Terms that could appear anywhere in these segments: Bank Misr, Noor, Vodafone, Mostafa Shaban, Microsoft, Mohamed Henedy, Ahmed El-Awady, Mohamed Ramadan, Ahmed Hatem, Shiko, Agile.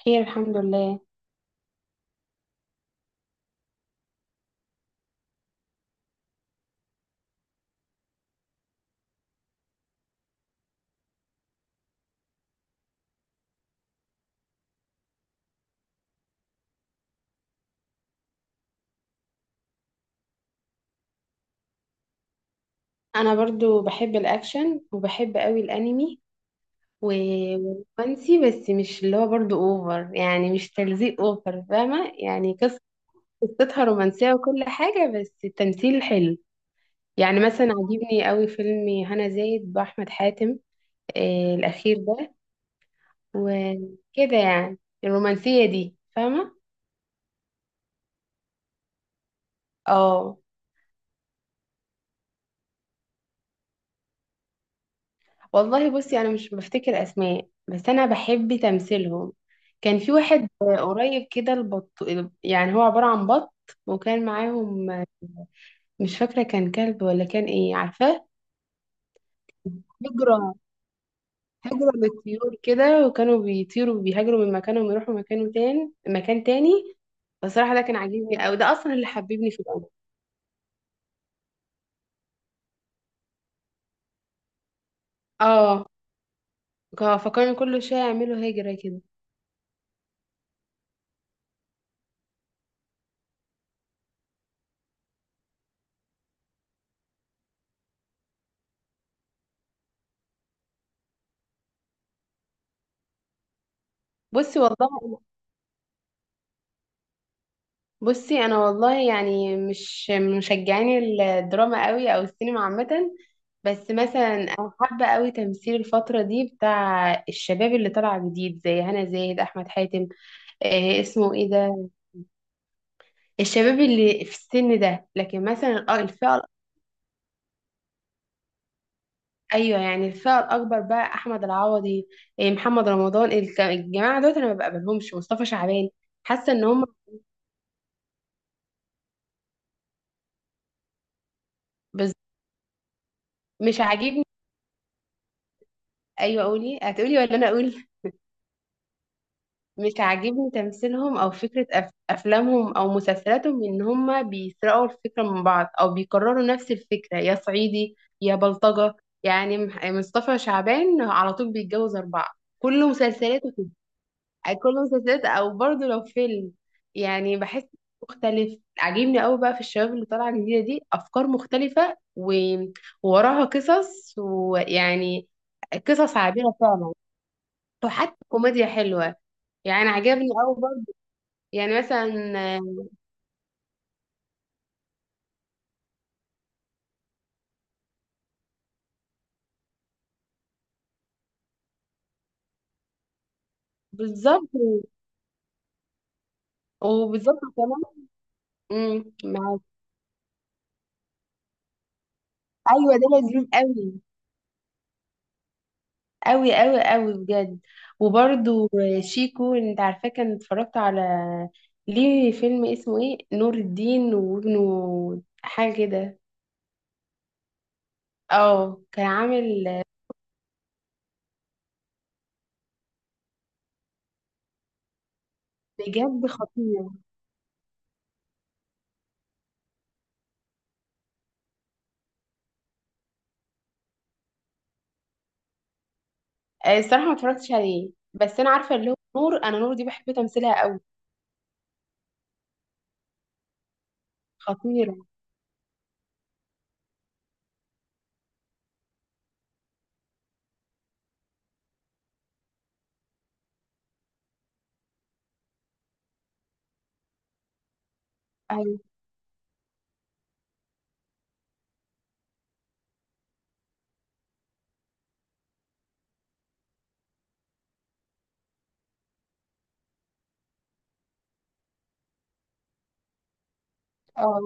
خير الحمد لله. انا برضو بحب الاكشن وبحب قوي الانمي و- والرومانسي، بس مش اللي هو برضو اوفر، يعني مش تلزيق اوفر، فاهمه؟ يعني قصتها رومانسيه وكل حاجه، بس التمثيل حلو. يعني مثلا عجبني قوي فيلم هنا زايد باحمد حاتم، الاخير ده، وكده. يعني الرومانسيه دي، فاهمه؟ اه، والله بصي، انا مش بفتكر اسماء، بس انا بحب تمثيلهم. كان في واحد قريب كده، البط، يعني هو عبارة عن بط وكان معاهم. مش فاكرة كان كلب ولا كان ايه، عارفاه؟ هجرة، هجرة للطيور كده، وكانوا بيطيروا وبيهاجروا من مكانهم يروحوا مكانه تاني، مكان تاني. بصراحة ده كان عاجبني أوي، ده أصلا اللي حببني في الأمر. اه، فكانوا كل شوية يعملوا هجرة كده. بصي والله، بصي انا والله يعني مش مشجعاني الدراما قوي او السينما عامه. بس مثلا انا حابه قوي تمثيل الفتره دي بتاع الشباب اللي طالع جديد، زي هنا زاهد، احمد حاتم، اسمه ايه ده، الشباب اللي في السن ده. لكن مثلا ايوه، يعني الفئه الاكبر بقى، احمد العوضي، محمد رمضان، الجماعه دول انا ما بقبلهمش، مصطفى شعبان. حاسه ان هم بز- مش عاجبني. ايوه قولي، هتقولي ولا انا اقول؟ مش عاجبني تمثيلهم او فكرة افلامهم او مسلسلاتهم، ان هما بيسرقوا الفكرة من بعض او بيكرروا نفس الفكرة، يا صعيدي يا بلطجة. يعني مصطفى شعبان على طول بيتجوز اربعة، كل مسلسلاته كده، كل مسلسلات او برضه لو فيلم. يعني بحس مختلف. عاجبني قوي بقى في الشباب اللي طالعة جديدة دي، افكار مختلفة و... ووراها قصص، ويعني قصص عابرة فعلا، وحتى كوميديا حلوة. يعني عجبني قوي. يعني مثلا بالظبط، وبالظبط كمان. امم، معاك. ايوه ده لذيذ قوي، قوي قوي بجد. وبرده شيكو، انت عارفاه؟ كان اتفرجت على، ليه، فيلم اسمه ايه، نور الدين وابنه، حاجه كده. اه كان عامل بجد خطير. الصراحه ما اتفرجتش عليه، بس انا عارفه اللي هو نور، انا نور دي بحب تمثيلها قوي. خطيره. ايوه. اه،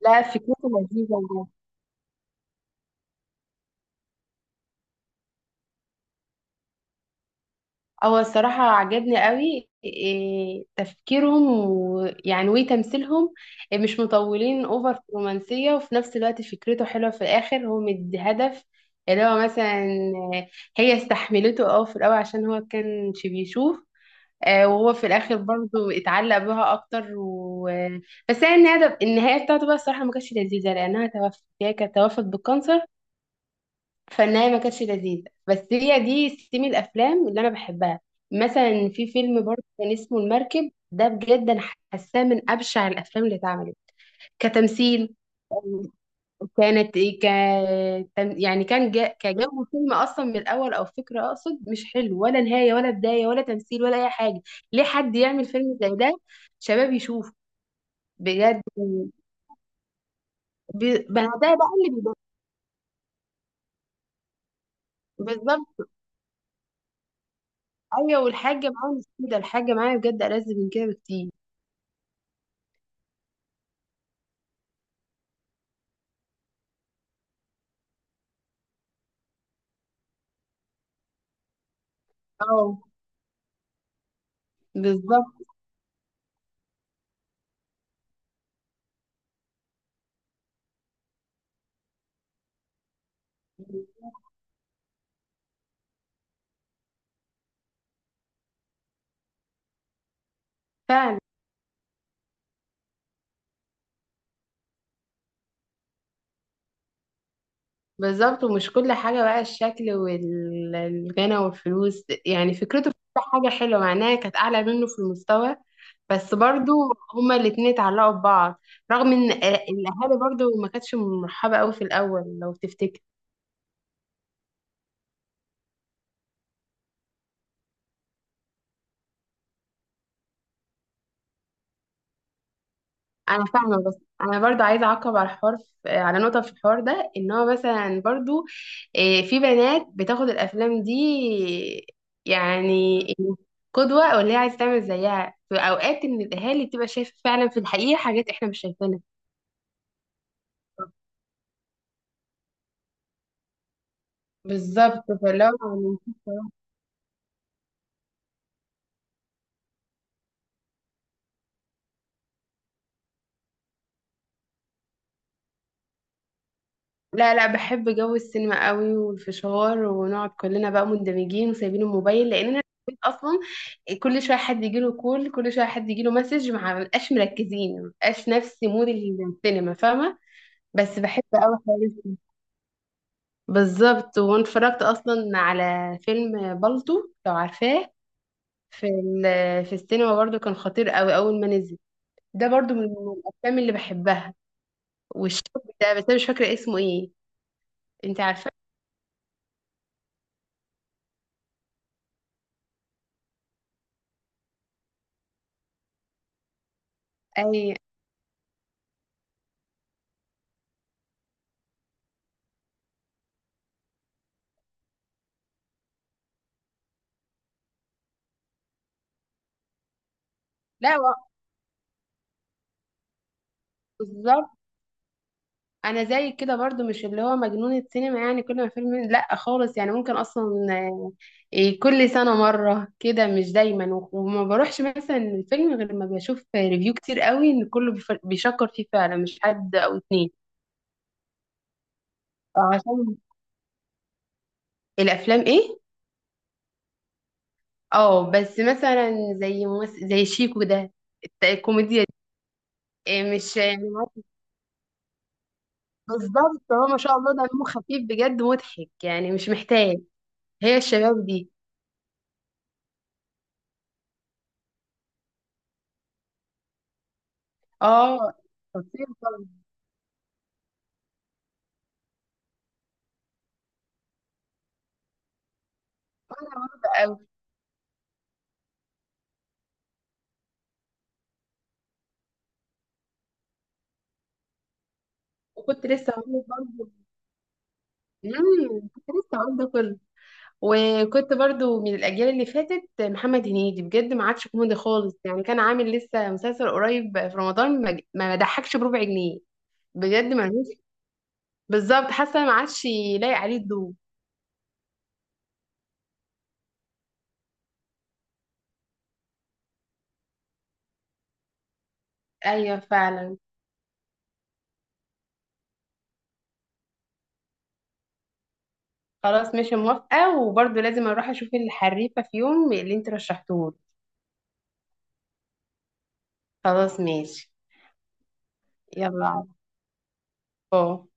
لا فكرته لذيذه. هو الصراحة عجبني قوي إيه تفكيرهم، ويعني وتمثيلهم، إيه، مش مطولين اوفر في الرومانسية، وفي نفس الوقت فكرته حلوة في الآخر، هو مدي هدف. اللي هو مثلا، آه، هي استحملته، اه، في الأول عشان هو كانش بيشوف، وهو في الآخر برضه اتعلق بها أكتر و... آه، بس هي النهاية، النهاية بتاعته بقى الصراحة ما كانتش لذيذة، لأنها توفت، هي كانت توفت بالكانسر. فالنهاية ما كانتش لذيذة، بس هي دي ستيم الأفلام اللي أنا بحبها. مثلا في فيلم برضه كان اسمه المركب، ده بجد أنا حاساه من أبشع الأفلام اللي اتعملت، كتمثيل، كانت إيه، ك يعني كان كجو فيلم أصلا من الأول، أو فكرة أقصد، مش حلو، ولا نهاية ولا بداية ولا تمثيل ولا أي حاجة. ليه حد يعمل فيلم زي ده، شباب يشوف؟ بجد. ب... ما ده بقى اللي، بالظبط. أيوه، والحاجة معايا مش كده، الحاجة معايا بجد ألذ من كده بكتير. اه بالظبط. فعلا بالظبط. ومش كل حاجة بقى الشكل والغنى والفلوس، يعني فكرته في كل حاجة حلوة، مع انها كانت أعلى منه في المستوى. بس برضو هما الاتنين اتعلقوا ببعض، رغم ان الأهالي برضو ما كانتش مرحبة قوي في الأول، لو تفتكر. انا فاهمه، بس انا برضو عايزه اعقب على الحوار على نقطه في الحوار ده، ان هو مثلا برضو، إيه، في بنات بتاخد الافلام دي، يعني قدوه، او اللي هي عايزه تعمل زيها. في اوقات ان الاهالي بتبقى شايفه فعلا في الحقيقه حاجات احنا مش شايفينها، بالظبط. فاللي هو، لا لا بحب جو السينما قوي، والفشار، ونقعد كلنا بقى مندمجين وسايبين الموبايل، لان انا في البيت اصلا كل شويه حد يجي له كول، كل شويه حد يجي له مسج، ما بنبقاش مركزين، ما بنبقاش نفس مود السينما، فاهمه؟ بس بحب قوي حوار السينما. بالظبط. وانا اتفرجت اصلا على فيلم بالطو، لو عارفاه، في في السينما برضو، كان خطير قوي اول ما نزل. ده برضو من الافلام اللي بحبها، والشاب ده، بس انا مش فاكره اسمه ايه، انت عارفه؟ اي. لا و- بالظبط، انا زي كده برضو، مش اللي هو مجنون السينما، يعني كل ما فيلم لا خالص، يعني ممكن اصلا، إيه، كل سنه مره كده، مش دايما وما بروحش مثلا الفيلم غير لما بشوف ريفيو كتير قوي ان كله بيشكر فيه فعلا، مش حد او اتنين. عشان الافلام، ايه؟ اه، بس مثلا زي ممثل زي شيكو ده، الكوميديا دي، إيه، مش يعني، بالظبط. هو ما شاء الله دمه خفيف، بجد مضحك، يعني مش محتاج. هي الشباب دي. اه خطير. وانا برضه قوي. وكنت لسه هقول لك برضه. امم، كنت لسه هقول ده كله. وكنت برضه من الاجيال اللي فاتت محمد هنيدي، بجد ما عادش كوميدي خالص. يعني كان عامل لسه مسلسل قريب في رمضان، ما ضحكش بربع جنيه. بجد ملوش. بالظبط، حاسه ما عادش لايق عليه الضوء. ايوه فعلا. خلاص ماشي موافقه، وبرضه لازم اروح اشوف الحريفه في يوم اللي انت رشحتهولي. خلاص ماشي. يلا، باي.